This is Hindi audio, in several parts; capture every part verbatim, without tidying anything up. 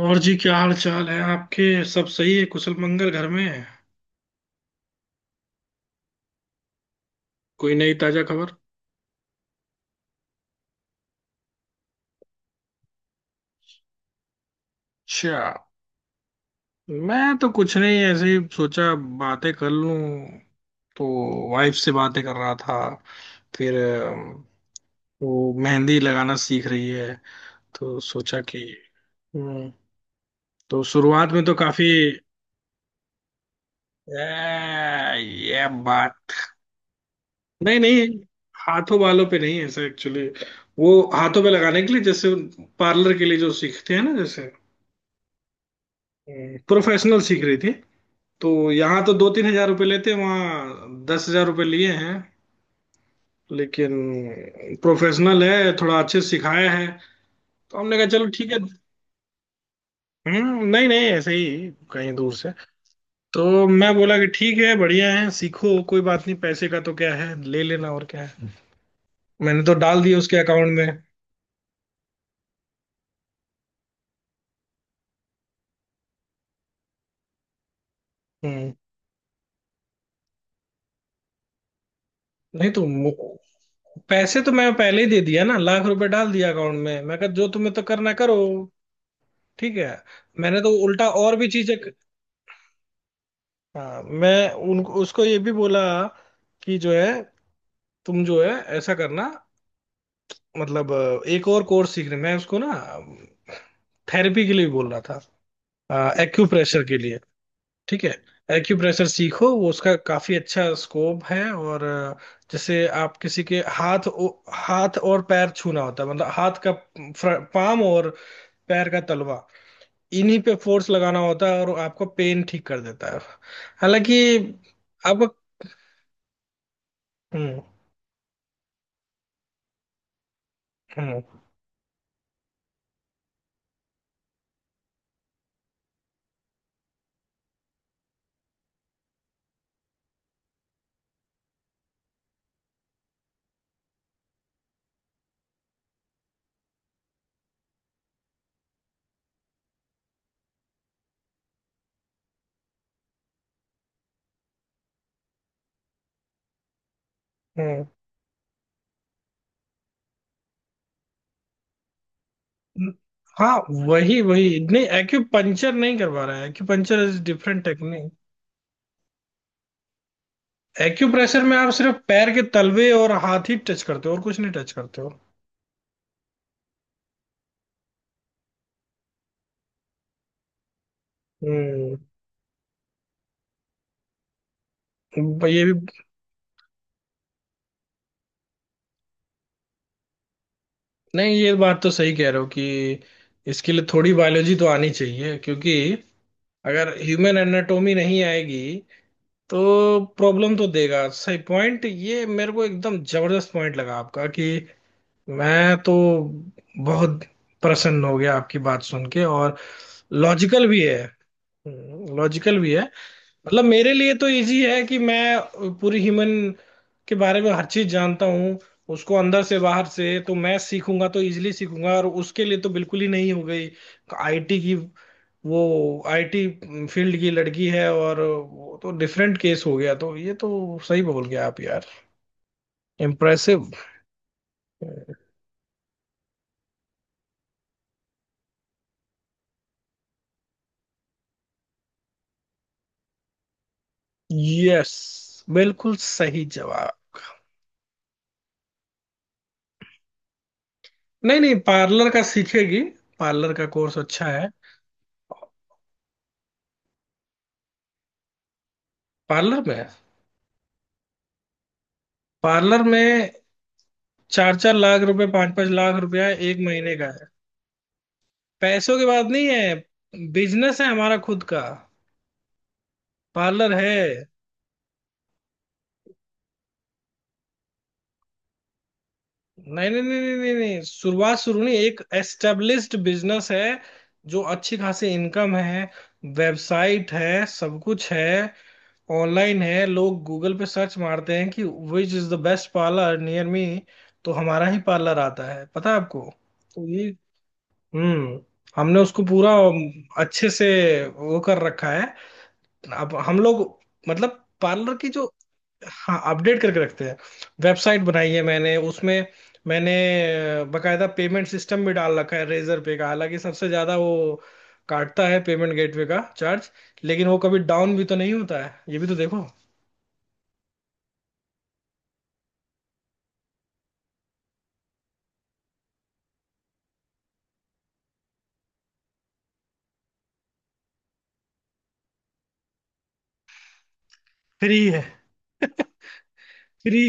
और जी, क्या हाल चाल है आपके? सब सही है, कुशल मंगल घर में? कोई नई ताजा खबर? अच्छा। मैं तो कुछ नहीं, ऐसे ही सोचा बातें कर लूं, तो वाइफ से बातें कर रहा था। फिर अम, वो मेहंदी लगाना सीख रही है, तो सोचा कि... हम्म। तो शुरुआत में तो काफी ए, ये बात... नहीं नहीं, हाथों बालों पे नहीं है ऐसा, एक्चुअली वो हाथों पे लगाने के लिए, जैसे पार्लर के लिए जो सीखते हैं ना, जैसे प्रोफेशनल सीख रही थी। तो यहाँ तो दो तीन हजार रुपये लेते हैं, वहाँ दस हजार रुपये लिए हैं। लेकिन प्रोफेशनल है, थोड़ा अच्छे से सिखाया है, तो हमने कहा चलो ठीक है। हम्म। नहीं नहीं, ऐसे ही कहीं दूर से। तो मैं बोला कि ठीक है, बढ़िया है, सीखो, कोई बात नहीं, पैसे का तो क्या है, ले लेना, और क्या है। मैंने तो डाल दिया उसके अकाउंट में। हम्म। नहीं तो पैसे तो मैं पहले ही दे दिया ना, लाख रुपए डाल दिया अकाउंट में, मैं कहा जो तुम्हें तो करना करो। ठीक है। मैंने तो उल्टा और भी चीजें, हाँ, मैं उनको उसको ये भी बोला कि जो है, तुम जो है, ऐसा करना, मतलब अ, एक और कोर्स सीखने, मैं उसको ना थेरेपी के लिए भी बोल रहा था, एक्यूप्रेशर के लिए। ठीक है। एक्यूप्रेशर सीखो, वो उसका काफी अच्छा स्कोप है। और अ, जैसे आप किसी के हाथ ओ- हाथ और पैर छूना होता है, मतलब हाथ का पाम और पैर का तलवा, इन्हीं पे फोर्स लगाना होता है और आपका पेन ठीक कर देता है। हालांकि अब... हम्म हम्म हम्म। हाँ वही वही, नहीं एक्यूपंचर नहीं करवा रहा है, acupuncture is different technique. Acupressure में आप सिर्फ पैर के तलवे और हाथ ही टच करते हो, और कुछ नहीं टच करते हो। हम्म, ये भी... नहीं, ये बात तो सही कह रहे हो कि इसके लिए थोड़ी बायोलॉजी तो आनी चाहिए, क्योंकि अगर ह्यूमन एनाटोमी नहीं आएगी तो प्रॉब्लम तो देगा। सही पॉइंट, ये मेरे को एकदम जबरदस्त पॉइंट लगा आपका कि मैं तो बहुत प्रसन्न हो गया आपकी बात सुन के। और लॉजिकल भी है, लॉजिकल भी है। मतलब मेरे लिए तो इजी है कि मैं पूरी ह्यूमन के बारे में हर चीज जानता हूँ उसको, अंदर से बाहर से, तो मैं सीखूंगा तो इजीली सीखूंगा। और उसके लिए तो बिल्कुल ही नहीं हो गई आई टी की। वो आई टी फील्ड की लड़की है, और वो तो डिफरेंट केस हो गया। तो ये तो सही बोल गया आप यार, इम्प्रेसिव। यस, बिल्कुल सही जवाब। नहीं नहीं, पार्लर का सीखेगी, पार्लर का कोर्स अच्छा है। पार्लर में, पार्लर में चार चार लाख रुपए, पांच पांच लाख रुपया एक महीने का है। पैसों की बात नहीं है, बिजनेस है हमारा खुद का, पार्लर है। नहीं नहीं नहीं नहीं नहीं, नहीं। शुरुआत शुरू नहीं, एक एस्टेब्लिश्ड बिजनेस है, जो अच्छी खासी इनकम है। वेबसाइट है, सब कुछ है, ऑनलाइन है। लोग गूगल पे सर्च मारते हैं कि which is the best parlour near me, तो हमारा ही पार्लर आता है, पता है आपको। तो ये... हम्म। हमने उसको पूरा अच्छे से वो कर रखा है। अब हम लोग, मतलब पार्लर की जो... हाँ, अपडेट करके रखते हैं। वेबसाइट बनाई है मैंने, उसमें मैंने अ, बकायदा पेमेंट सिस्टम भी डाल रखा है, रेजर पे का। हालांकि सबसे ज्यादा वो काटता है, पेमेंट गेटवे का चार्ज। लेकिन वो कभी डाउन भी तो नहीं होता है, ये भी तो देखो। फ्री है। फ्री।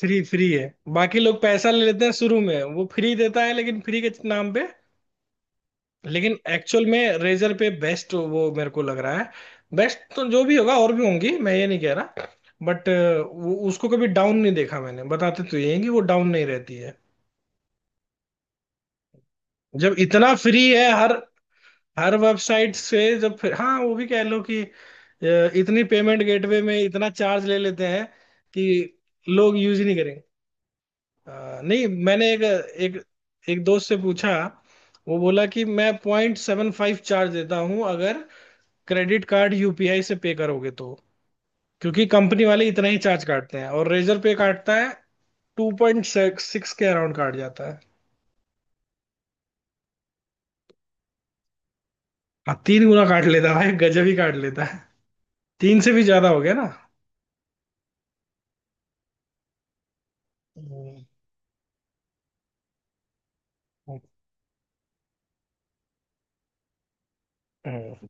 फ्री फ्री है। बाकी लोग पैसा ले लेते हैं, शुरू में वो फ्री देता है लेकिन फ्री के नाम पे। लेकिन एक्चुअल में रेजर पे बेस्ट वो मेरे को लग रहा है। बेस्ट तो जो भी होगा, और भी होंगी, मैं ये नहीं कह रहा, बट वो उसको कभी डाउन नहीं देखा मैंने। बताते तो ये हैं कि वो डाउन नहीं रहती है। जब इतना फ्री है हर हर वेबसाइट से, जब फिर हाँ वो भी कह लो कि अ, इतनी पेमेंट गेटवे में इतना चार्ज ले लेते हैं कि लोग यूज ही नहीं करेंगे। अ, नहीं, मैंने एक एक एक दोस्त से पूछा, वो बोला कि मैं पॉइंट सेवन फाइव चार्ज देता हूँ अगर credit card U P I से पे करोगे तो, क्योंकि कंपनी वाले इतना ही चार्ज काटते हैं। और रेजर पे काटता है टू पॉइंट सिक्स के अराउंड काट जाता है। हाँ, तीन गुना काट लेता है भाई, गजब ही काट लेता है। तीन से भी ज्यादा हो गया ना। हम्म, हम्म, हम्म।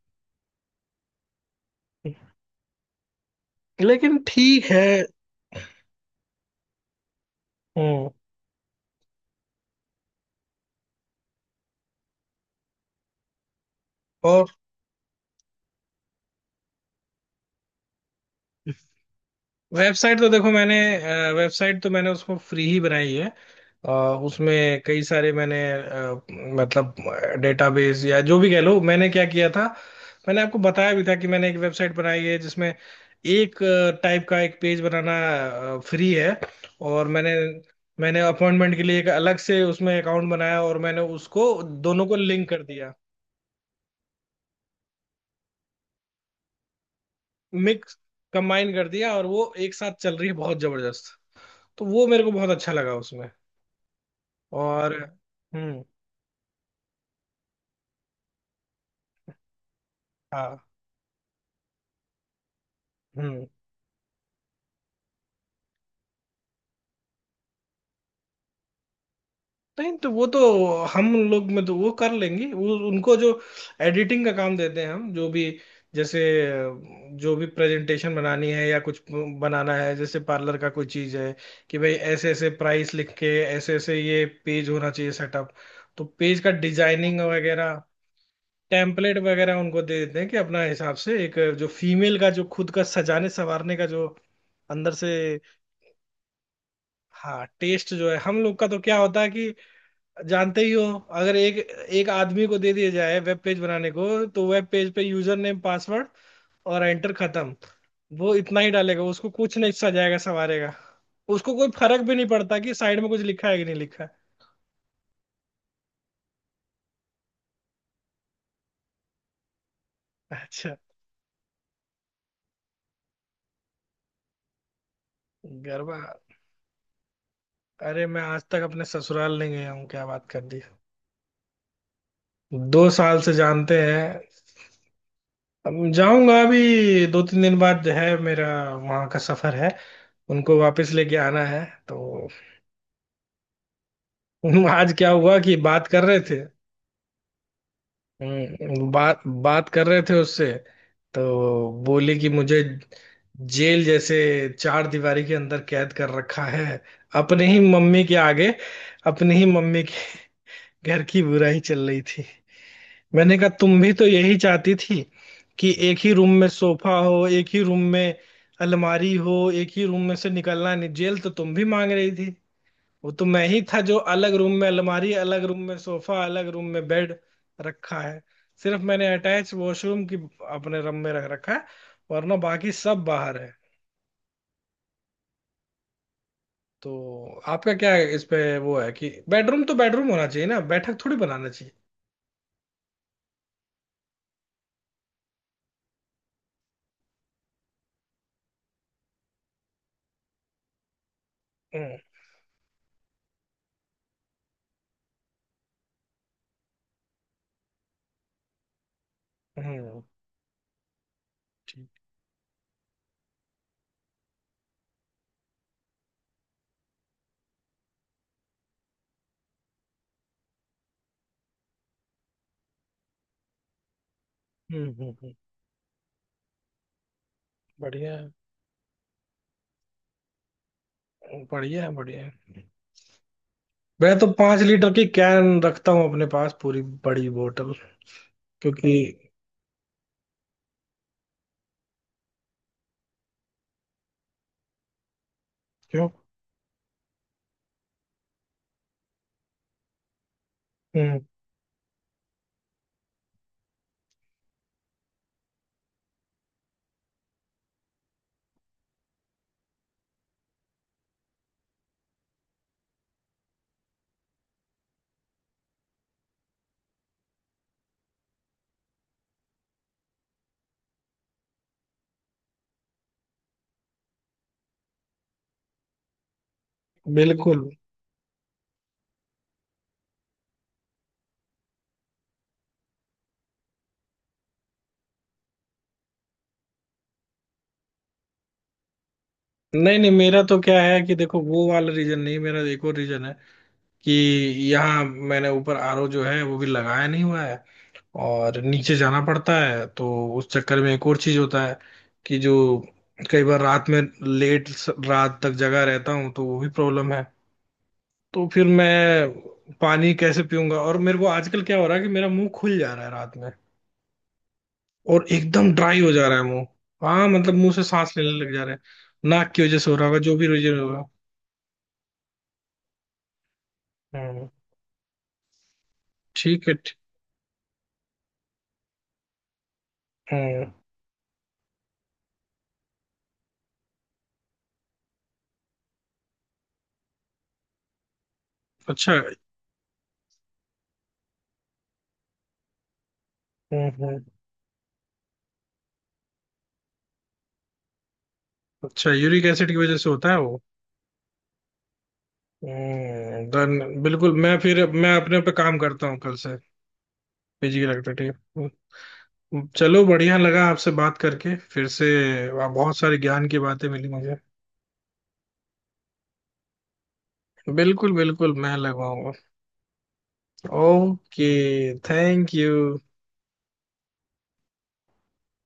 लेकिन ठीक है। हम्म। और वेबसाइट तो देखो, मैंने अ, वेबसाइट तो मैंने उसको फ्री ही बनाई है। अ, उसमें कई सारे मैंने अ, मतलब डेटाबेस या जो भी कह लो, मैंने क्या किया था, मैंने आपको बताया भी था कि मैंने एक वेबसाइट बनाई है जिसमें एक टाइप का एक पेज बनाना फ्री है, और मैंने मैंने अपॉइंटमेंट के लिए एक अलग से उसमें अकाउंट बनाया और मैंने उसको दोनों को लिंक कर दिया, मिक्स कंबाइन कर दिया, और वो एक साथ चल रही है, बहुत जबरदस्त। तो वो मेरे को बहुत अच्छा लगा उसमें। और हम्म। हाँ। हम्म। नहीं तो वो तो हम लोग में तो वो कर लेंगे, वो उनको जो एडिटिंग का काम देते हैं हम, जो भी जैसे जो भी प्रेजेंटेशन बनानी है या कुछ बनाना है, जैसे पार्लर का कोई चीज है कि भाई ऐसे ऐसे प्राइस लिख के, ऐसे ऐसे ये पेज होना चाहिए सेटअप। तो पेज का डिजाइनिंग वगैरह, टेम्पलेट वगैरह उनको दे देते हैं कि अपना हिसाब से, एक जो फीमेल का जो खुद का सजाने संवारने का जो अंदर से... हाँ, टेस्ट जो है हम लोग का, तो क्या होता है कि जानते ही हो, अगर एक एक आदमी को दे दिया जाए वेब पेज बनाने को, तो वेब पेज पे यूजर नेम पासवर्ड और एंटर, खत्म। वो इतना ही डालेगा, उसको कुछ नहीं सजाएगा संवारेगा। उसको कोई फर्क भी नहीं पड़ता कि साइड में कुछ लिखा है कि नहीं लिखा है। अच्छा। गरबा? अरे मैं आज तक अपने ससुराल नहीं गया हूँ, क्या बात कर दी। दो साल से जानते हैं। अब जाऊंगा अभी दो तीन दिन बाद, जो है मेरा वहां का सफर है, उनको वापस लेके आना है। तो आज क्या हुआ कि बात कर रहे थे, हम्म, बात बात कर रहे थे उससे। तो बोले कि मुझे जेल जैसे चार दीवारी के अंदर कैद कर रखा है, अपने ही मम्मी के आगे, अपनी ही मम्मी के घर की बुराई चल रही थी। मैंने कहा तुम भी तो यही चाहती थी कि एक ही रूम में सोफा हो, एक ही रूम में अलमारी हो, एक ही रूम में से निकलना नहीं, जेल तो तुम भी मांग रही थी। वो तो मैं ही था जो अलग रूम में अलमारी, अलग रूम में सोफा, अलग रूम में बेड रखा है। सिर्फ मैंने अटैच वॉशरूम की अपने रूम में रख रखा है, वरना बाकी सब बाहर है। तो आपका क्या है इस पे? वो है कि बेडरूम तो बेडरूम होना चाहिए ना, बैठक थोड़ी बनाना चाहिए। हम्म हम्म। ठीक। हम्म हम्म हम्म, बढ़िया है, बढ़िया है, बढ़िया है। मैं तो पांच लीटर की कैन रखता हूँ अपने पास, पूरी बड़ी बोतल। क्योंकि... क्यों? हम्म। बिल्कुल। नहीं नहीं, मेरा तो क्या है कि देखो, वो वाला रीजन नहीं, मेरा एक और रीजन है कि यहाँ मैंने ऊपर आर ओ जो है वो भी लगाया नहीं हुआ है, और नीचे जाना पड़ता है। तो उस चक्कर में एक और चीज होता है कि जो कई बार रात में लेट स- रात तक जगा रहता हूँ, तो वो भी प्रॉब्लम है। तो फिर मैं पानी कैसे पीऊंगा, और मेरे को आजकल क्या हो रहा है कि मेरा मुंह खुल जा रहा है रात में, और एकदम ड्राई हो जा रहा है मुंह। हाँ, मतलब मुंह से सांस लेने लग जा रहे हैं, नाक की वजह से हो रहा होगा, जो भी वजह होगा। हम्म। ठीक है ठी- हम्म। अच्छा। हम्म, हम्म। अच्छा, यूरिक एसिड की वजह से होता है वो? हम्म, डन, बिल्कुल, मैं फिर मैं अपने पे काम करता हूँ कल से। Physical activity. चलो बढ़िया लगा आपसे बात करके फिर से, बहुत सारे ज्ञान की बातें मिली मुझे। बिल्कुल बिल्कुल मैं लगवाऊंगा। Okay, thank you.